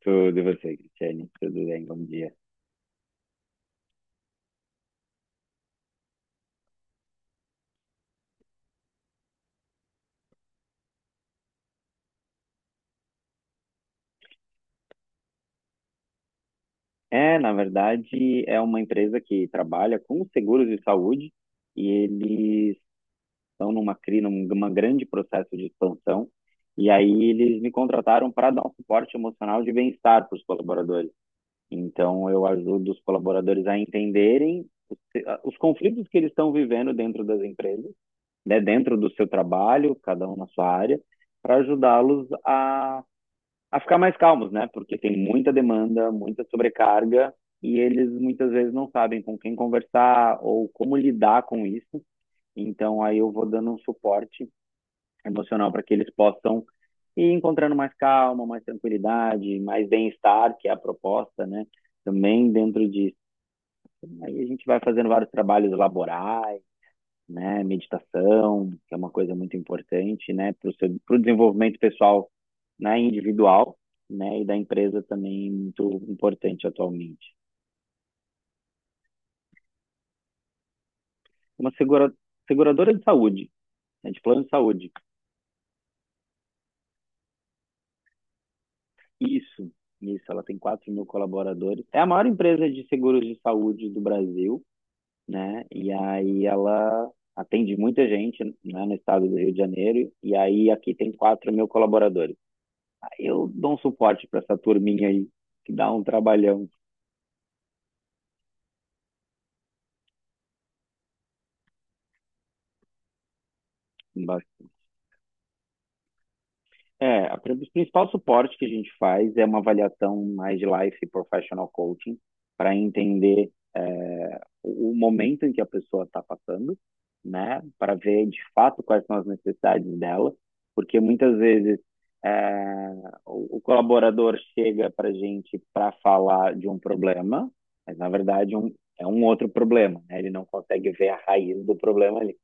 Tudo e você, Cristiane? Tudo bem? Bom dia. É, na verdade, é uma empresa que trabalha com seguros de saúde e eles estão numa crise, num grande processo de expansão. E aí eles me contrataram para dar um suporte emocional de bem-estar para os colaboradores. Então eu ajudo os colaboradores a entenderem os conflitos que eles estão vivendo dentro das empresas, né, dentro do seu trabalho, cada um na sua área, para ajudá-los a ficar mais calmos, né? Porque tem muita demanda, muita sobrecarga e eles muitas vezes não sabem com quem conversar ou como lidar com isso. Então aí eu vou dando um suporte emocional para que eles possam ir encontrando mais calma, mais tranquilidade, mais bem-estar, que é a proposta, né? Também dentro disso. Aí a gente vai fazendo vários trabalhos laborais, né? Meditação, que é uma coisa muito importante, né? Para o desenvolvimento pessoal, né, individual, né, e da empresa também muito importante atualmente. Uma seguradora de saúde, né, de plano de saúde. Isso, isso, ela tem 4.000 colaboradores. É a maior empresa de seguros de saúde do Brasil, né, e aí ela atende muita gente, né, no estado do Rio de Janeiro, e aí aqui tem 4.000 colaboradores. Aí eu dou um suporte para essa turminha aí, que dá um trabalhão. É, o principal suporte que a gente faz é uma avaliação mais de life e professional coaching para entender o momento em que a pessoa está passando, né? Para ver de fato quais são as necessidades dela, porque muitas vezes é, o colaborador chega para a gente para falar de um problema, mas na verdade, é um outro problema, né? Ele não consegue ver a raiz do problema ali.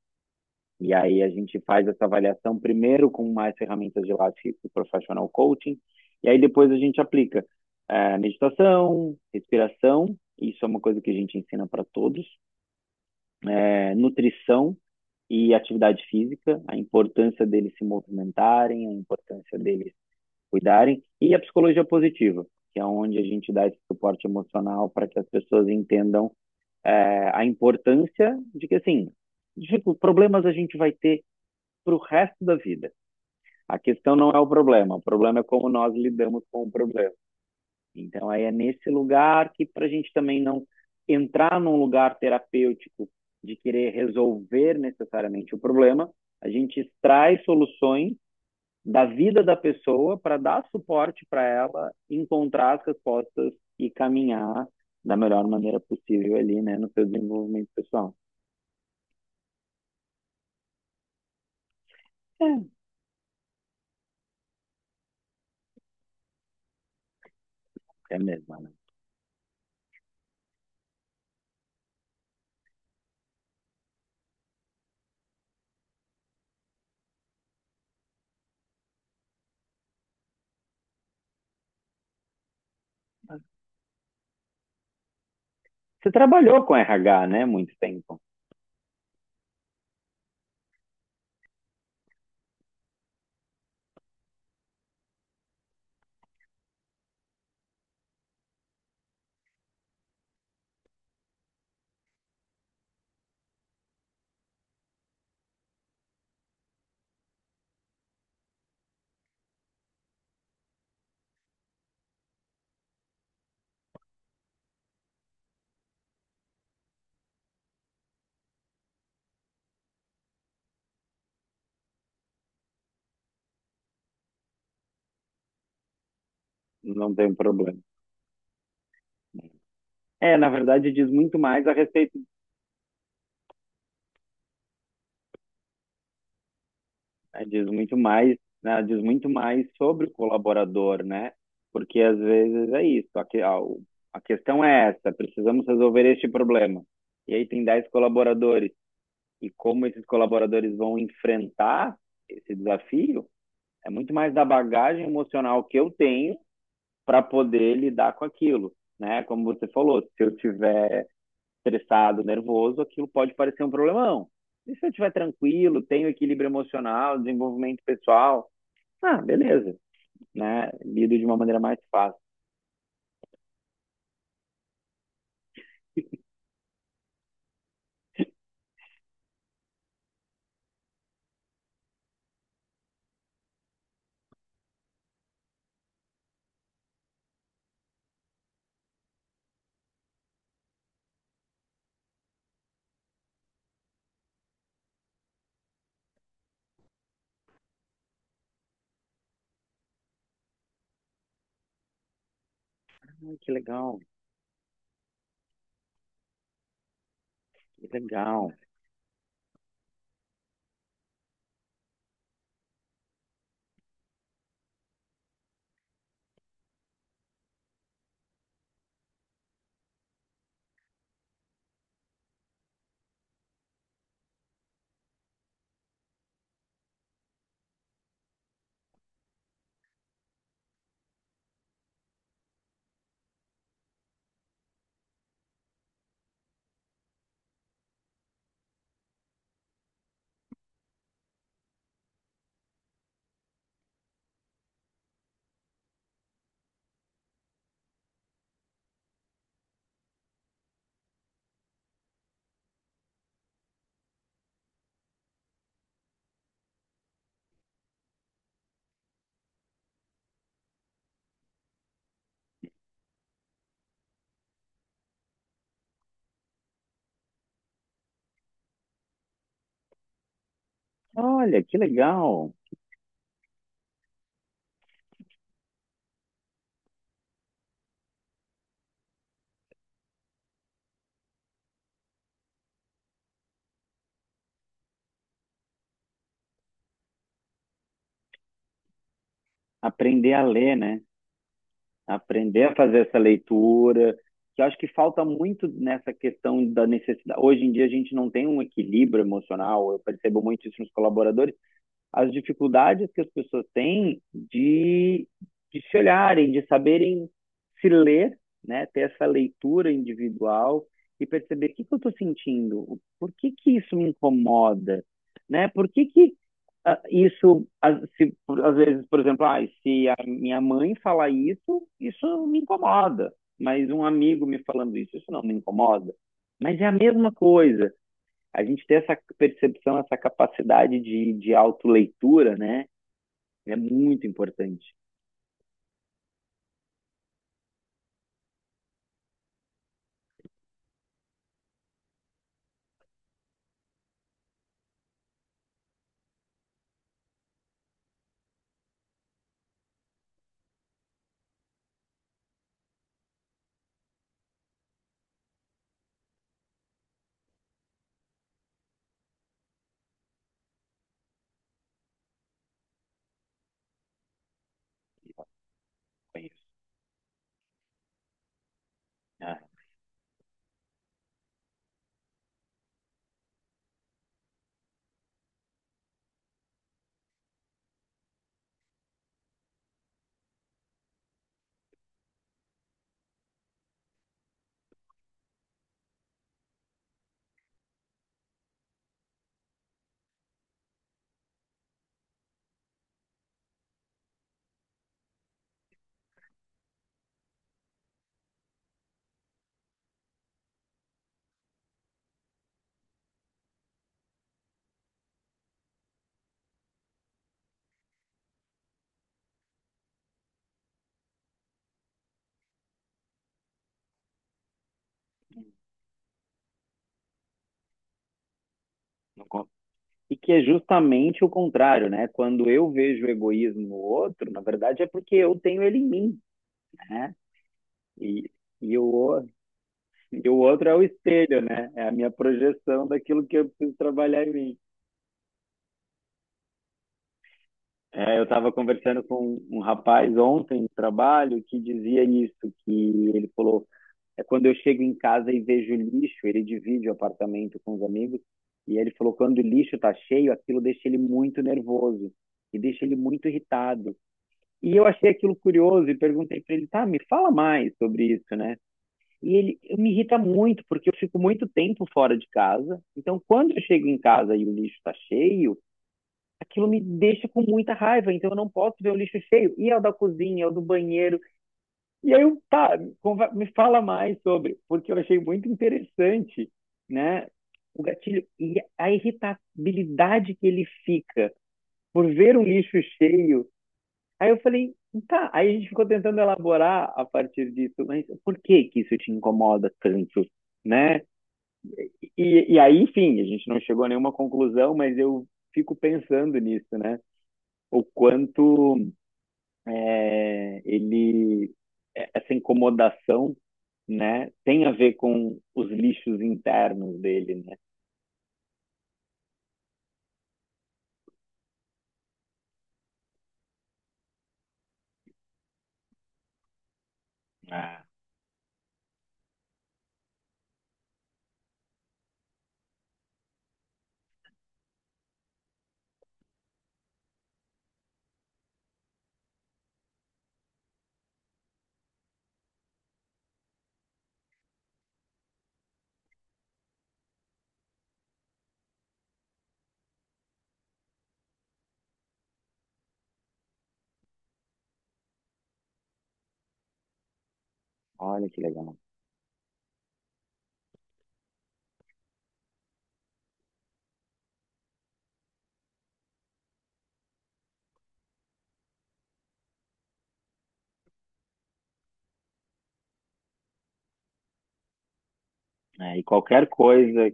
E aí a gente faz essa avaliação primeiro com mais ferramentas de Lattes e Professional Coaching, e aí depois a gente aplica meditação, respiração, isso é uma coisa que a gente ensina para todos, é, nutrição e atividade física, a importância deles se movimentarem, a importância deles cuidarem, e a psicologia positiva, que é onde a gente dá esse suporte emocional para que as pessoas entendam a importância de que, assim, problemas a gente vai ter para o resto da vida. A questão não é o problema é como nós lidamos com o problema. Então, aí é nesse lugar que, para a gente também não entrar num lugar terapêutico de querer resolver necessariamente o problema, a gente extrai soluções da vida da pessoa para dar suporte para ela encontrar as respostas e caminhar da melhor maneira possível ali, né, no seu desenvolvimento pessoal. É, é mesmo, né? Você trabalhou com RH, né, muito tempo. Não tem problema. É, na verdade, diz muito mais a respeito, né, diz muito mais, né, diz muito mais sobre o colaborador, né? Porque às vezes é isso, a questão é essa, precisamos resolver este problema. E aí tem 10 colaboradores, e como esses colaboradores vão enfrentar esse desafio, é muito mais da bagagem emocional que eu tenho para poder lidar com aquilo, né? Como você falou, se eu tiver estressado, nervoso, aquilo pode parecer um problemão. E se eu estiver tranquilo, tenho equilíbrio emocional, desenvolvimento pessoal, ah, beleza, né? Lido de uma maneira mais fácil. Ah, que legal, que legal. Olha, que legal, aprender a ler, né? Aprender a fazer essa leitura, que eu acho que falta muito nessa questão da necessidade. Hoje em dia a gente não tem um equilíbrio emocional, eu percebo muito isso nos colaboradores, as dificuldades que as pessoas têm de se olharem, de saberem se ler, né? Ter essa leitura individual e perceber o que, que eu estou sentindo, por que, que isso me incomoda, né? Por que, que, ah, isso, ah, se, por- às vezes, por exemplo, se a minha mãe falar isso, isso me incomoda, mas um amigo me falando isso, isso não me incomoda. Mas é a mesma coisa a gente ter essa percepção, essa capacidade de autoleitura, né? É muito importante. É. É, não con- e que é justamente o contrário, né? Quando eu vejo o egoísmo no outro, na verdade é porque eu tenho ele em mim, né? E, e, o, o- e o outro é o espelho, né? É a minha projeção daquilo que eu preciso trabalhar em mim. É, eu estava conversando com um rapaz ontem no trabalho que dizia isso, que ele falou, é quando eu chego em casa e vejo lixo, ele divide o apartamento com os amigos, e ele falou, quando o lixo está cheio, aquilo deixa ele muito nervoso, e deixa ele muito irritado. E eu achei aquilo curioso e perguntei para ele, tá, me fala mais sobre isso, né? E ele, eu me irrita muito, porque eu fico muito tempo fora de casa, então quando eu chego em casa e o lixo está cheio, aquilo me deixa com muita raiva, então eu não posso ver o lixo cheio. E é o da cozinha, é o do banheiro, e aí eu, tá, me fala mais sobre, porque eu achei muito interessante, né, o gatilho e a irritabilidade que ele fica por ver um lixo cheio. Aí eu falei, tá, aí a gente ficou tentando elaborar a partir disso, mas por que que isso te incomoda tanto, né? E aí, enfim, a gente não chegou a nenhuma conclusão, mas eu fico pensando nisso, né? O quanto, é, ele essa incomodação, né, tem a ver com os lixos internos dele, né? Ah, olha que legal. É, e qualquer coisa,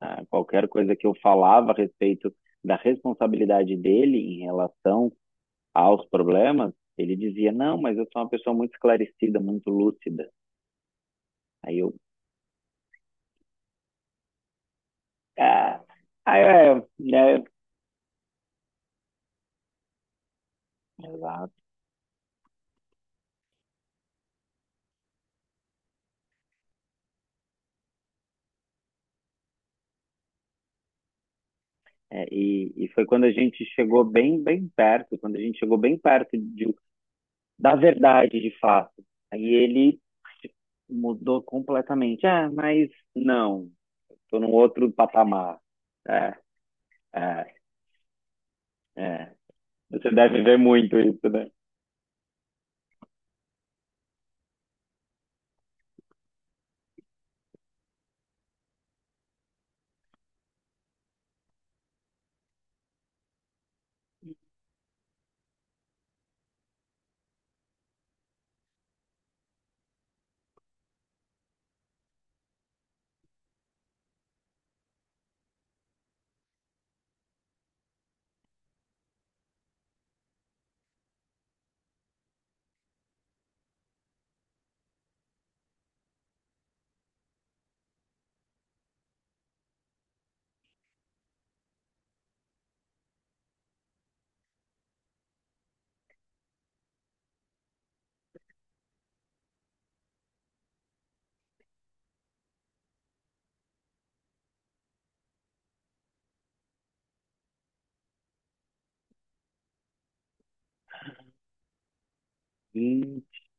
que eu falava a respeito da responsabilidade dele em relação aos problemas, ele dizia: "Não, mas eu sou uma pessoa muito esclarecida, muito lúcida". Aí eu, ah, é, é, exato. É, e foi quando a gente chegou bem, bem perto, quando a gente chegou bem perto de da verdade de fato. Aí ele mudou completamente. Ah, mas não, tô num outro patamar. É, é, é. Você deve ver muito isso, né?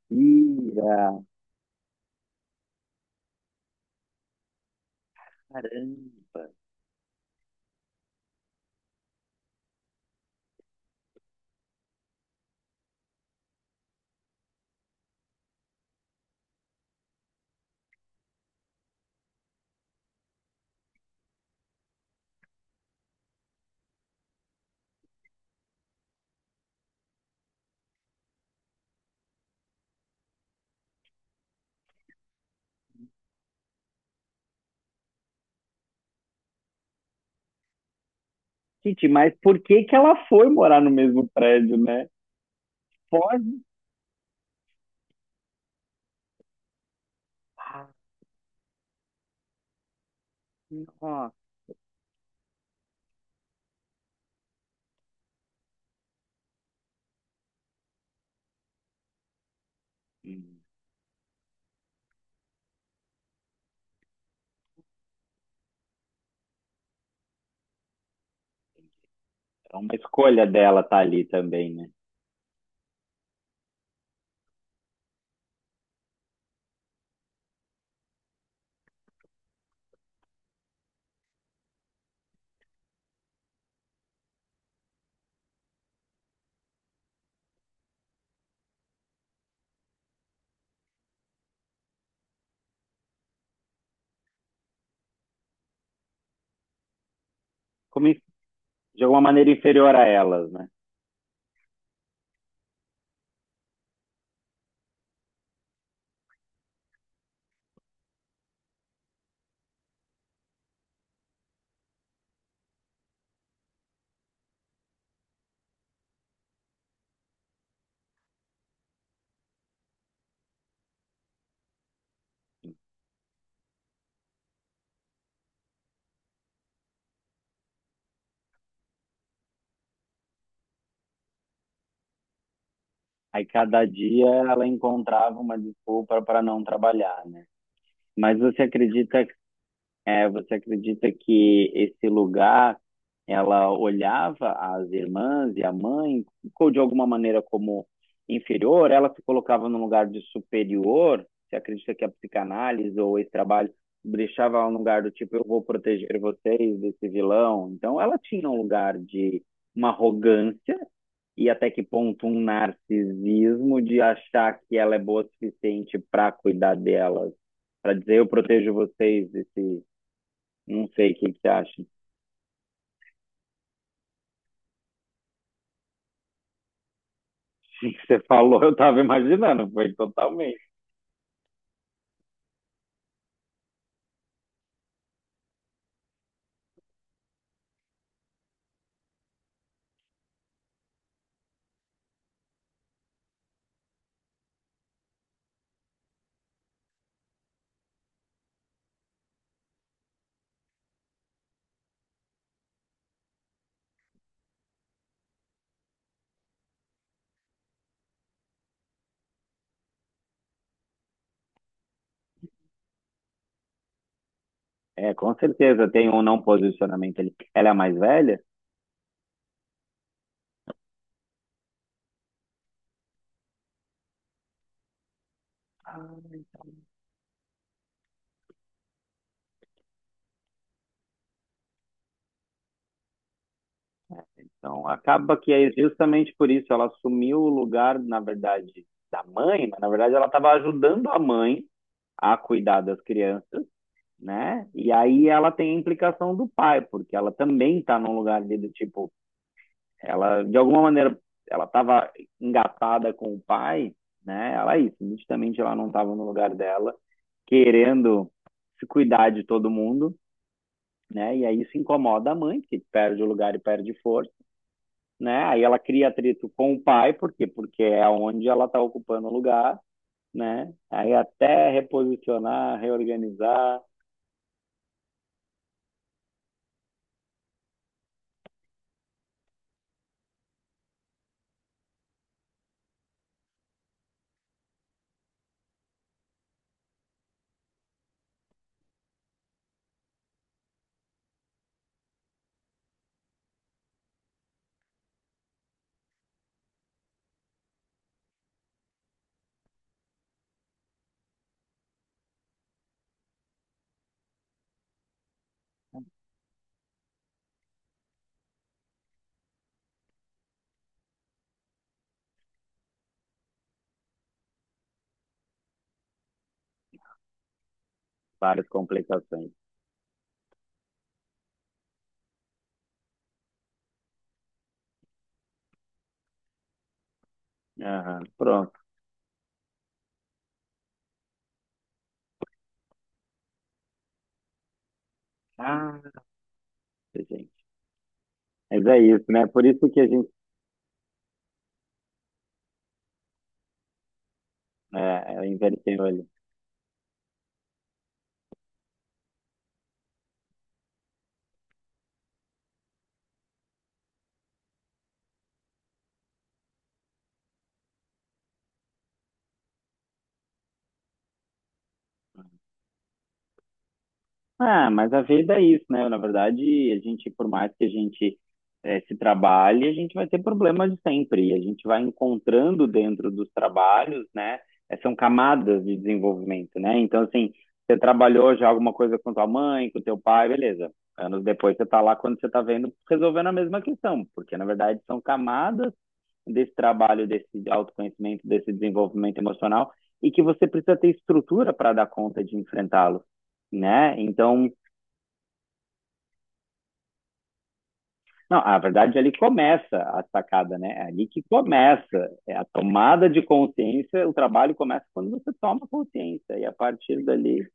Mentira! Caramba! Gente, mas por que que ela foi morar no mesmo prédio, né? Pode. Ah, nossa. Hum. É uma escolha dela estar ali também, né? Como in- de alguma maneira inferior a elas, né? Aí cada dia ela encontrava uma desculpa para não trabalhar, né? Mas você acredita, você acredita que esse lugar, ela olhava as irmãs e a mãe, ficou de alguma maneira como inferior, ela se colocava num lugar de superior? Você acredita que a psicanálise ou esse trabalho deixava ela num lugar do tipo, eu vou proteger vocês desse vilão? Então ela tinha um lugar de uma arrogância, e até que ponto um narcisismo de achar que ela é boa o suficiente para cuidar delas, para dizer eu protejo vocês desse, não sei o que que você acha. O que você falou, eu estava imaginando, foi totalmente. É, com certeza tem um não posicionamento ali. Ela é a mais velha? Ah. Então acaba que é justamente por isso ela assumiu o lugar, na verdade, da mãe, mas na verdade ela estava ajudando a mãe a cuidar das crianças, né? E aí ela tem a implicação do pai, porque ela também está num lugar ali do tipo, ela de alguma maneira ela estava engatada com o pai, né? Ela é isso, nitidamente ela não estava no lugar dela, querendo se cuidar de todo mundo, né? E aí isso incomoda a mãe, que perde o lugar e perde força, né? Aí ela cria atrito com o pai, por quê? Porque é onde ela está ocupando o lugar, né? Aí até reposicionar, reorganizar, várias complicações. Aham, pronto. Ah, gente. Mas é isso, né? Por isso que a gente, inverteu ali. Ah, mas a vida é isso, né? Na verdade, a gente, por mais que a gente, se trabalhe, a gente vai ter problemas de sempre. E a gente vai encontrando dentro dos trabalhos, né? É, são camadas de desenvolvimento, né? Então, assim, você trabalhou já alguma coisa com tua mãe, com teu pai, beleza. Anos depois você tá lá quando você tá vendo, resolvendo a mesma questão, porque na verdade são camadas desse trabalho, desse autoconhecimento, desse desenvolvimento emocional, e que você precisa ter estrutura para dar conta de enfrentá-lo, né? Então, não, a verdade é ali começa a sacada, né? É ali que começa a tomada de consciência, o trabalho começa quando você toma consciência e a partir dali,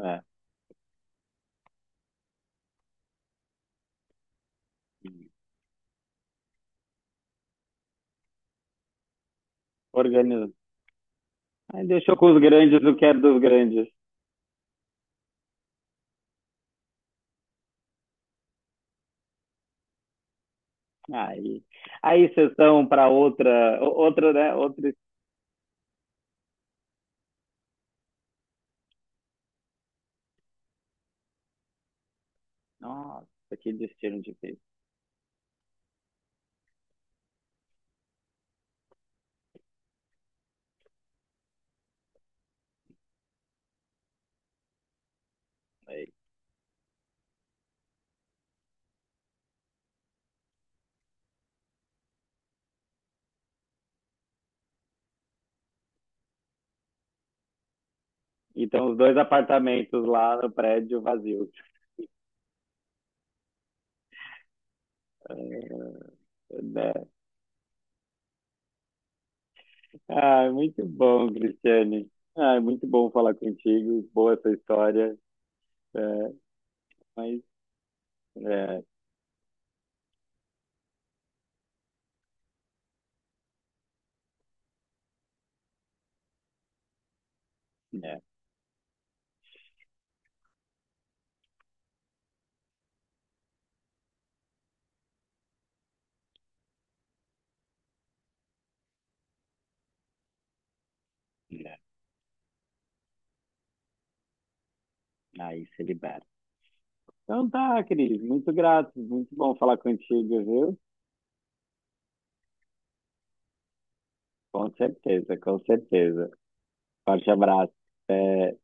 é, é, organiza. Aí deixou com os grandes o que é dos grandes. Aí, aí sessão para outra, outra, né? Outra. Nossa, que destino difícil. Aí. E tem uns dois apartamentos lá no prédio vazio. É, né? Ah, muito bom, Cristiane. Ah, é muito bom falar contigo. Boa essa história. É, mas, é, né, né, aí se libera. Então tá, Cris. Muito grato. Muito bom falar contigo, viu? Com certeza, com certeza. Forte abraço. É,